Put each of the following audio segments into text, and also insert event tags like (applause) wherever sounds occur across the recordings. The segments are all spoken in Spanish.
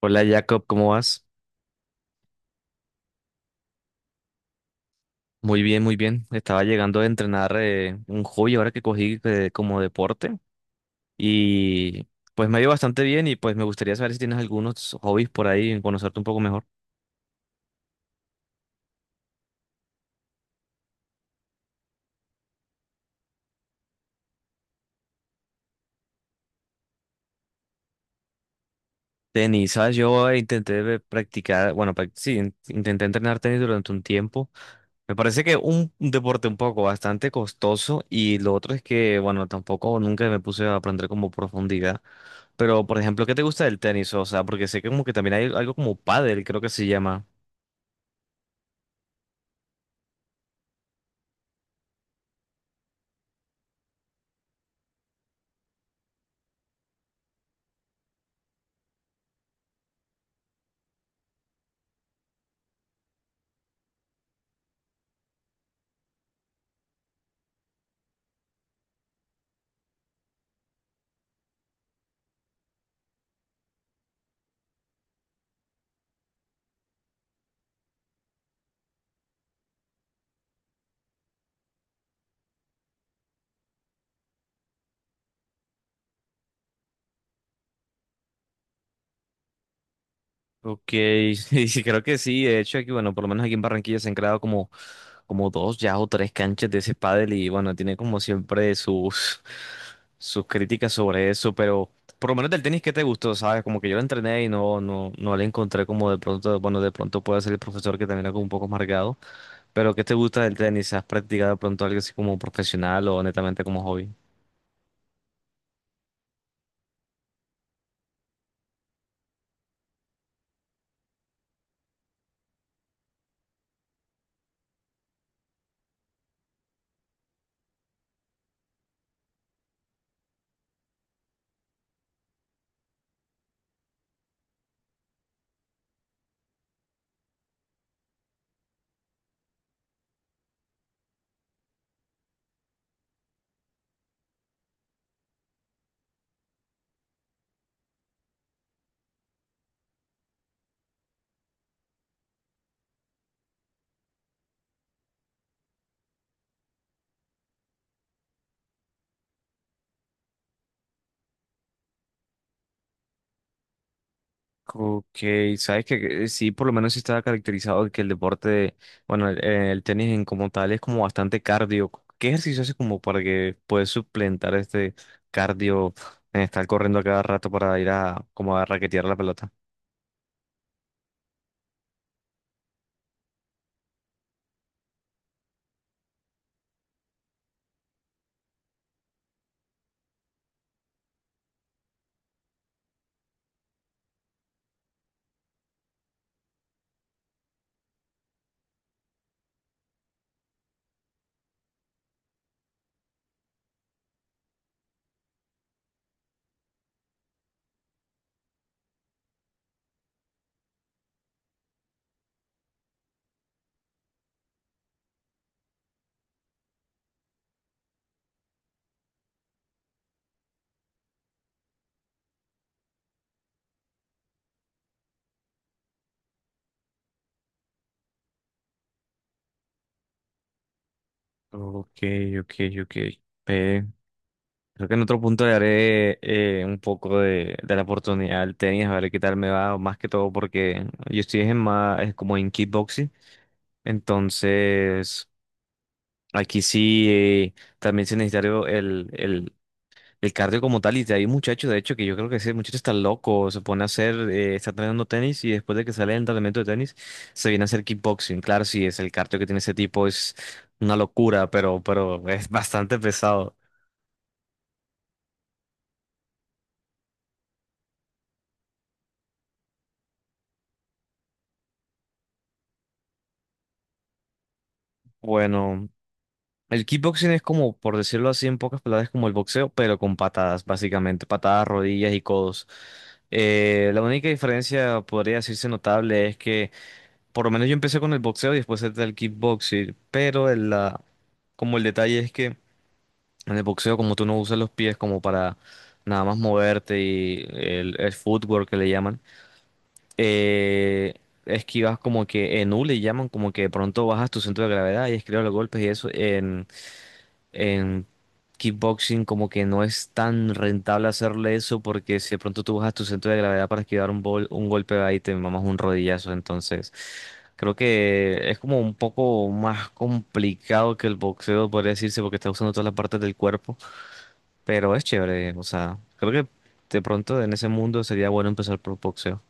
Hola Jacob, ¿cómo vas? Muy bien, muy bien. Estaba llegando a entrenar un hobby ahora que cogí como deporte y pues me ha ido bastante bien y pues me gustaría saber si tienes algunos hobbies por ahí y conocerte un poco mejor. Tenis, ¿sabes? Yo intenté practicar, bueno, sí, intenté entrenar tenis durante un tiempo. Me parece que un deporte un poco bastante costoso, y lo otro es que, bueno, tampoco nunca me puse a aprender como profundidad. Pero, por ejemplo, ¿qué te gusta del tenis? O sea, porque sé que como que también hay algo como pádel, creo que se llama. Ok, (laughs) sí, creo que sí. De hecho, aquí, bueno, por lo menos aquí en Barranquilla se han creado como dos ya o tres canchas de ese pádel y bueno, tiene como siempre sus críticas sobre eso, pero por lo menos del tenis, ¿qué te gustó? ¿Sabes? Como que yo lo entrené y no, no, no le encontré como de pronto, bueno, de pronto puede ser el profesor que también era como un poco amargado, pero ¿qué te gusta del tenis? ¿Has practicado de pronto algo así como profesional o netamente como hobby? Ok, sabes que sí, por lo menos sí estaba caracterizado de que el deporte, bueno, el tenis en como tal es como bastante cardio. ¿Qué ejercicio haces como para que puedas suplentar este cardio en estar corriendo a cada rato para ir a como a raquetear la pelota? Ok, ok, ok. Ve, creo que en otro punto le haré un poco de la oportunidad al tenis, a ver qué tal me va, más que todo porque yo estoy en más, es como en kickboxing. Entonces, aquí sí, también se necesita el cardio como tal. Y hay muchachos, de hecho, que yo creo que ese muchacho está loco, se pone a hacer, está entrenando tenis y después de que sale del entrenamiento de tenis, se viene a hacer kickboxing. Claro, sí, es el cardio que tiene ese tipo, es una locura, pero es (laughs) bastante pesado. Bueno, el kickboxing es como, por decirlo así, en pocas palabras, como el boxeo, pero con patadas, básicamente, patadas, rodillas y codos. La única diferencia, podría decirse notable, es que por lo menos yo empecé con el boxeo y después entré al kickboxing, pero el, la, como el detalle es que en el boxeo como tú no usas los pies como para nada más moverte y el footwork que le llaman, eh, esquivas como que en U le llaman como que de pronto bajas tu centro de gravedad y esquivas los golpes y eso. En kickboxing como que no es tan rentable hacerle eso porque si de pronto tú bajas tu centro de gravedad para esquivar un, un golpe ahí te mamas un rodillazo. Entonces creo que es como un poco más complicado que el boxeo, podría decirse, porque está usando todas las partes del cuerpo. Pero es chévere, o sea, creo que de pronto en ese mundo sería bueno empezar por boxeo.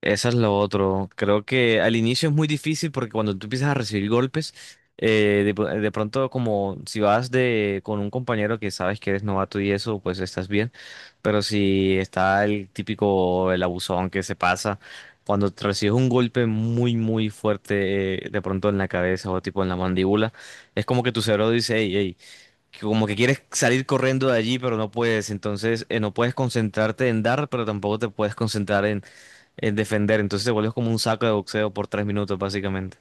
Eso es lo otro. Creo que al inicio es muy difícil porque cuando tú empiezas a recibir golpes, de pronto como si vas de con un compañero que sabes que eres novato y eso, pues estás bien. Pero si está el típico, el abusón que se pasa, cuando te recibes un golpe muy, muy fuerte, de pronto en la cabeza o tipo en la mandíbula, es como que tu cerebro dice, hey, hey, que como que quieres salir corriendo de allí, pero no puedes. Entonces, no puedes concentrarte en dar, pero tampoco te puedes concentrar en defender. Entonces te vuelves como un saco de boxeo por 3 minutos, básicamente.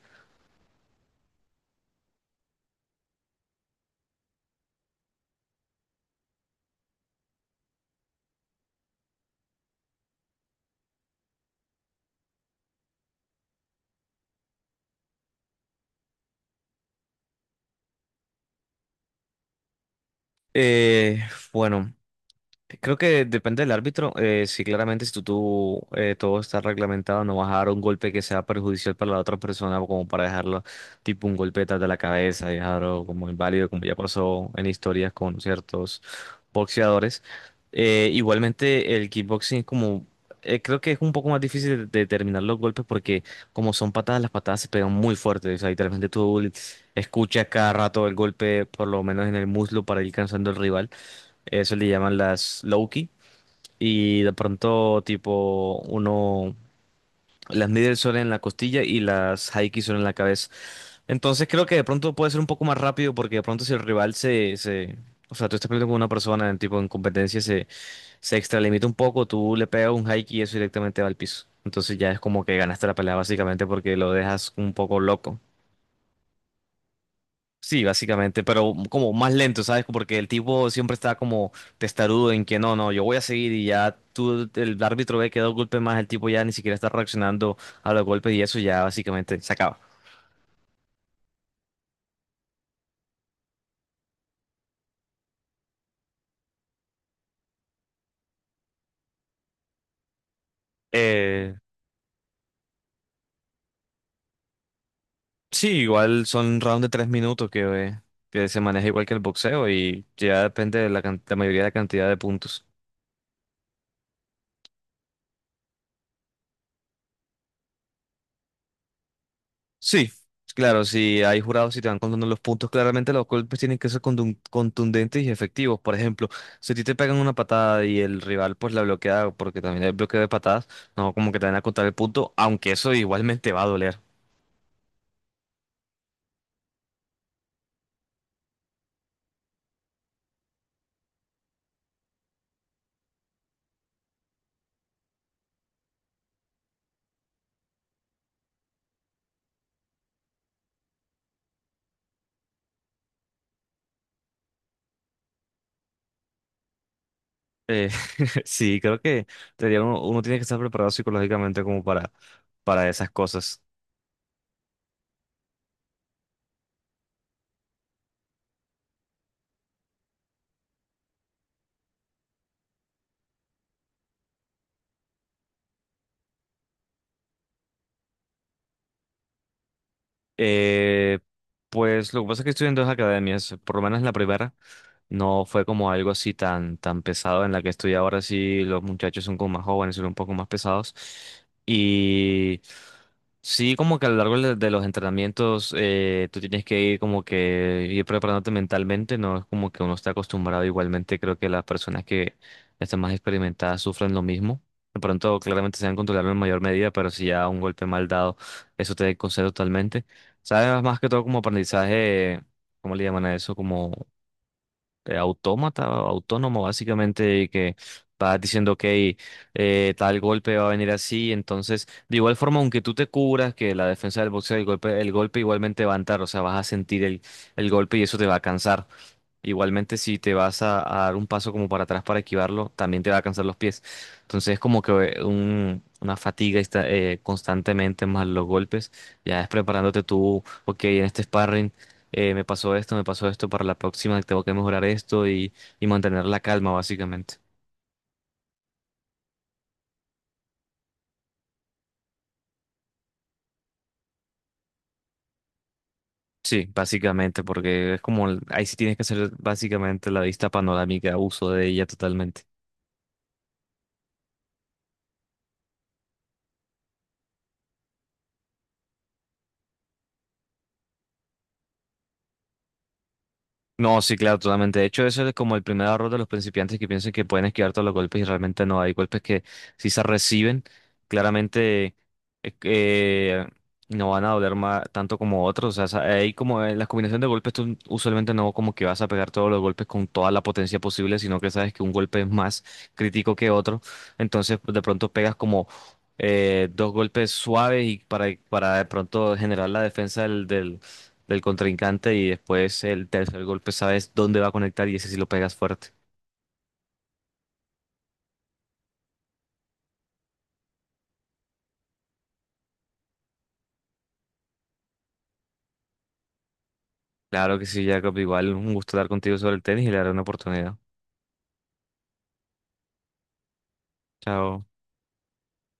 Eh, bueno, creo que depende del árbitro. Si claramente si tú, todo está reglamentado, no vas a dar un golpe que sea perjudicial para la otra persona, o como para dejarlo tipo un golpe detrás de la cabeza, dejarlo como inválido, como ya pasó en historias con ciertos boxeadores. Igualmente el kickboxing es como, creo que es un poco más difícil de determinar los golpes porque como son patadas, las patadas se pegan muy fuerte. O sea, literalmente tú escuchas cada rato el golpe, por lo menos en el muslo, para ir cansando al rival. Eso le llaman las Loki. Y de pronto, tipo, uno. Las middle son en la costilla y las High kick son en la cabeza. Entonces creo que de pronto puede ser un poco más rápido porque de pronto si el rival o sea, tú estás peleando con una persona en tipo en competencia se extralimita un poco, tú le pegas un high kick y eso directamente va al piso. Entonces ya es como que ganaste la pelea básicamente porque lo dejas un poco loco. Sí, básicamente, pero como más lento, ¿sabes? Porque el tipo siempre está como testarudo en que no, no, yo voy a seguir y ya tú, el árbitro ve que dos golpes más, el tipo ya ni siquiera está reaccionando a los golpes y eso ya básicamente se acaba. Eh, sí, igual son rounds de 3 minutos eh, que se maneja igual que el boxeo y ya depende de la, la mayoría de la cantidad de puntos. Sí, claro, si hay jurados y te van contando los puntos, claramente los golpes tienen que ser contundentes y efectivos. Por ejemplo, si a ti te pegan una patada y el rival pues la bloquea, porque también hay bloqueo de patadas, no como que te van a contar el punto, aunque eso igualmente va a doler. Eh, (laughs) sí, creo que debería uno, uno tiene que estar preparado psicológicamente como para esas cosas. Eh, pues lo que pasa es que estoy en dos academias, por lo menos la primera no fue como algo así tan, tan pesado. En la que estoy ahora sí, los muchachos son como más jóvenes, son un poco más pesados, y sí como que a lo largo de los entrenamientos tú tienes que ir como que ir preparándote mentalmente, no es como que uno está acostumbrado, igualmente creo que las personas que están más experimentadas sufren lo mismo. De pronto, claramente se van a controlar en mayor medida, pero si ya un golpe mal dado, eso te desconcentra totalmente. ¿Sabes? Más que todo como aprendizaje, ¿cómo le llaman a eso? Como autómata, autónomo, básicamente, y que vas diciendo, ok, tal golpe va a venir así. Entonces, de igual forma, aunque tú te cubras, que la defensa del boxeo, el golpe igualmente va a entrar, o sea, vas a sentir el golpe y eso te va a cansar. Igualmente, si te vas a dar un paso como para atrás para esquivarlo, también te va a cansar los pies. Entonces, es como que una fatiga constantemente más los golpes. Ya es preparándote tú, ok, en este sparring me pasó esto, para la próxima tengo que mejorar esto y mantener la calma, básicamente. Sí, básicamente, porque es como, ahí sí tienes que hacer básicamente la vista panorámica, uso de ella totalmente. No, sí, claro, totalmente. De hecho, eso es como el primer error de los principiantes que piensan que pueden esquivar todos los golpes y realmente no. Hay golpes que si se reciben, claramente eh, eh, no van a doler tanto como otros. O sea, hay como en las combinaciones de golpes, tú usualmente no como que vas a pegar todos los golpes con toda la potencia posible, sino que sabes que un golpe es más crítico que otro. Entonces, pues, de pronto pegas como dos golpes suaves y para de pronto generar la defensa del contrincante y después el tercer golpe sabes dónde va a conectar y ese sí lo pegas fuerte. Claro que sí, Jacob, igual un gusto hablar contigo sobre el tenis y le daré una oportunidad. Chao.